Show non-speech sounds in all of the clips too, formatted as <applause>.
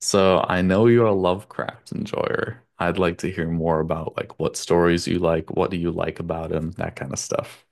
So I know you're a Lovecraft enjoyer. I'd like to hear more about like what stories you like, what do you like about him, that kind of stuff.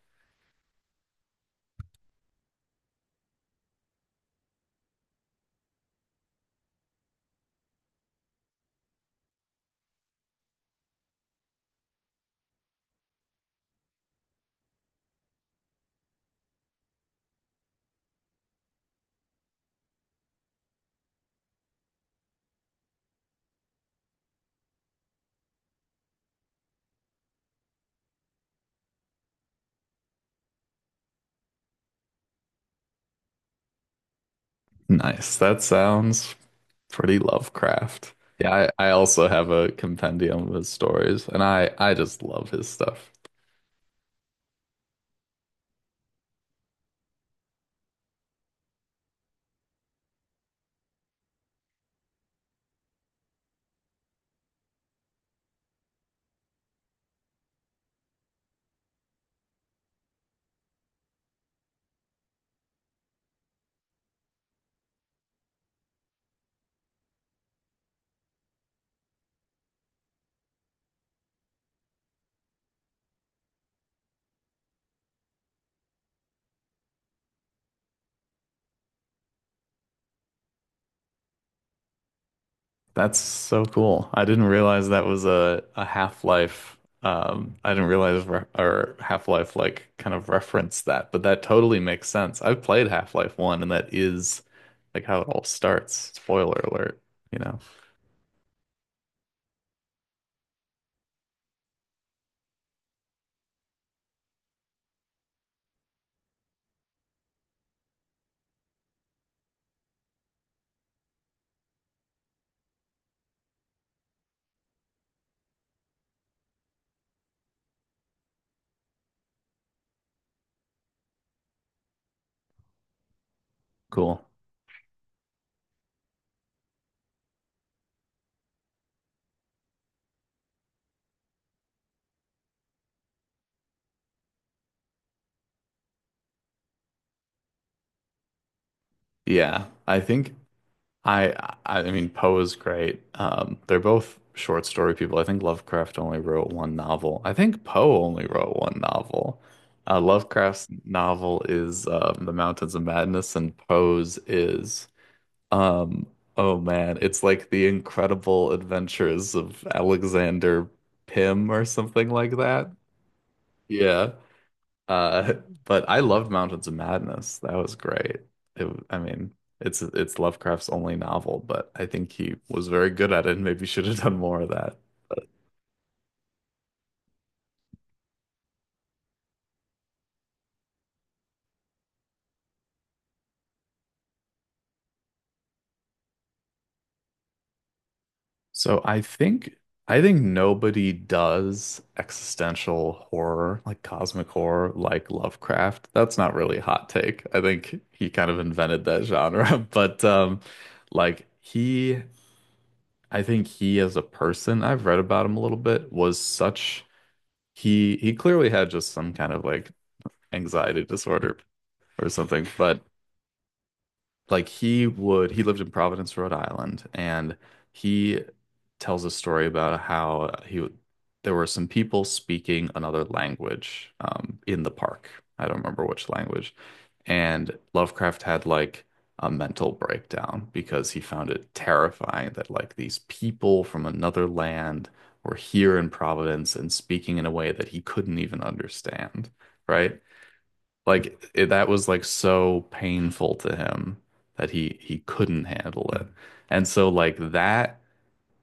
Nice. That sounds pretty Lovecraft. Yeah, I also have a compendium of his stories, and I just love his stuff. That's so cool. I didn't realize that was a Half-Life. I didn't realize re or Half-Life like kind of referenced that, but that totally makes sense. I've played Half-Life 1 and that is like how it all starts. Spoiler alert, you know. Cool. Yeah, I think I I mean Poe is great. They're both short story people. I think Lovecraft only wrote one novel. I think Poe only wrote one novel. Lovecraft's novel is The Mountains of Madness, and Poe's is um, oh man, it's like The Incredible Adventures of Alexander Pym or something like that. Yeah. Uh, <laughs> but I loved Mountains of Madness. That was great. It, I mean, it's Lovecraft's only novel, but I think he was very good at it and maybe should have done more of that. But- So I think nobody does existential horror, like cosmic horror, like Lovecraft. That's not really a hot take. I think he kind of invented that genre, <laughs> but like he I think he as a person, I've read about him a little bit, was such he clearly had just some kind of like anxiety disorder or something but like he lived in Providence, Rhode Island, and he tells a story about how he would- there were some people speaking another language in the park. I don't remember which language. And Lovecraft had like a mental breakdown because he found it terrifying that like these people from another land were here in Providence and speaking in a way that he couldn't even understand, right? Like it, that was like so painful to him that he couldn't handle it. And so like that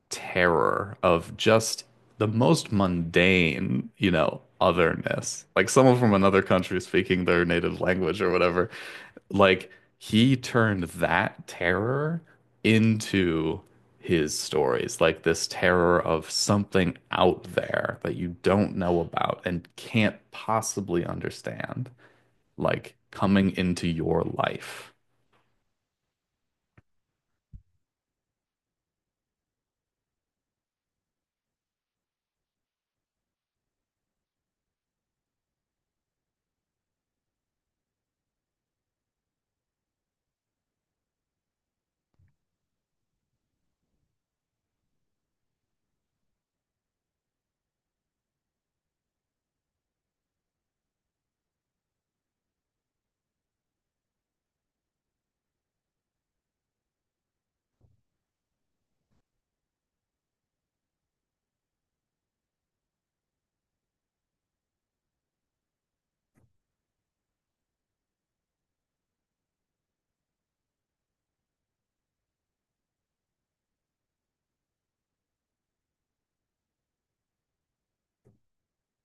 terror of just the most mundane, you know, otherness, like someone from another country speaking their native language or whatever, like he turned that terror into his stories, like this terror of something out there that you don't know about and can't possibly understand, like coming into your life.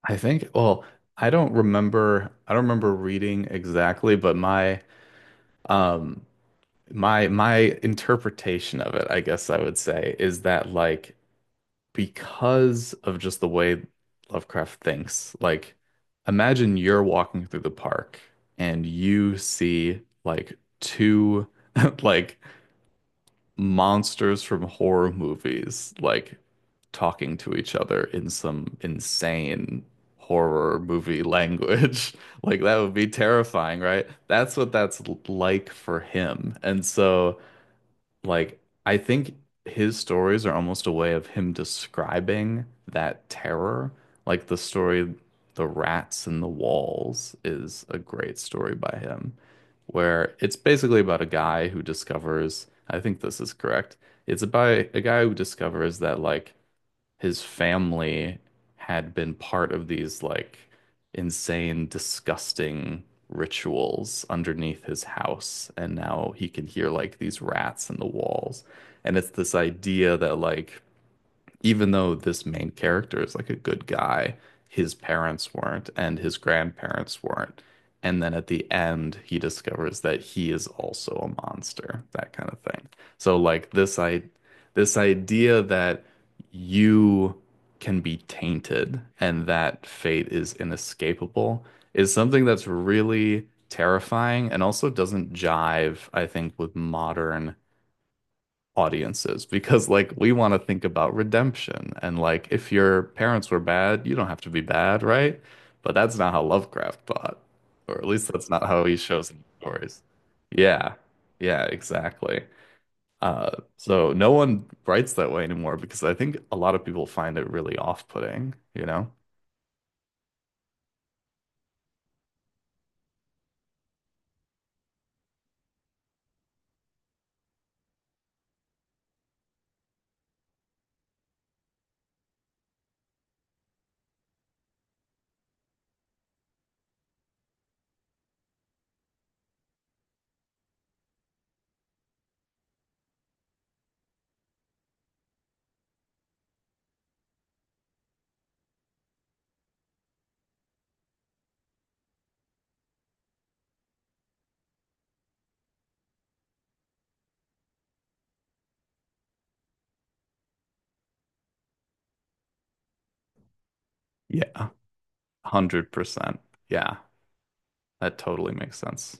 I think, well, I don't remember reading exactly, but um my interpretation of it, I guess I would say, is that like because of just the way Lovecraft thinks. Like, imagine you're walking through the park and you see like two <laughs> like monsters from horror movies like talking to each other in some insane horror movie language. <laughs> Like that would be terrifying, right? That's what that's l- Like for him. And so like, I think his stories are almost a way of him describing that terror. Like the story, The Rats and the Walls is a great story by him, where it's basically about a guy who discovers, I think this is correct. It's about a guy who discovers that like his family had been part of these like insane, disgusting rituals underneath his house. And now he can hear like these rats in the walls. And it's this idea that like even though this main character is like a good guy, his parents weren't and his grandparents weren't. And then at the end, he discovers that he is also a monster, that kind of thing. So like this idea that you can be tainted and that fate is inescapable is something that's really terrifying and also doesn't jive, I think, with modern audiences because like we want to think about redemption and like if your parents were bad, you don't have to be bad, right? But that's not how Lovecraft thought, or at least that's not how he shows in the stories. Yeah. Yeah, exactly. Uh, so no one writes that way anymore because I think a lot of people find it really off-putting, you know? Yeah, 100%. Yeah, that totally makes sense.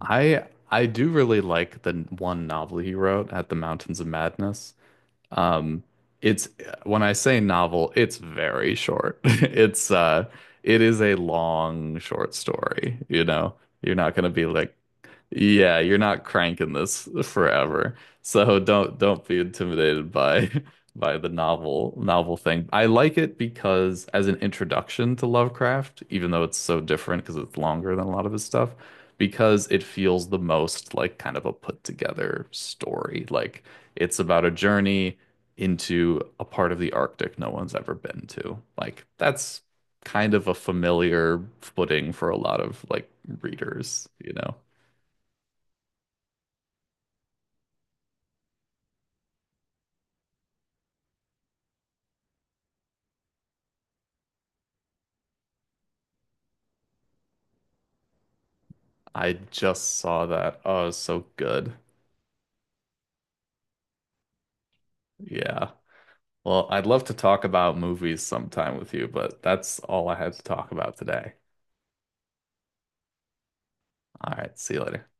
I do really like the one novel he wrote at the Mountains of Madness. Um, it's when I say novel, it's very short. <laughs> It is a long short story, you know. You're not gonna be like, yeah, you're not cranking this forever. So don't be intimidated by <laughs> by the novel novel thing. I like it because as an introduction to Lovecraft, even though it's so different because it's longer than a lot of his stuff, because it feels the most like kind of a put together story. Like it's about a journey into a part of the Arctic no one's ever been to. Like that's kind of a familiar footing for a lot of like readers, you know. I just saw that. Oh, so good. Yeah. Well, I'd love to talk about movies sometime with you, but that's all I had to talk about today. All right, see you later.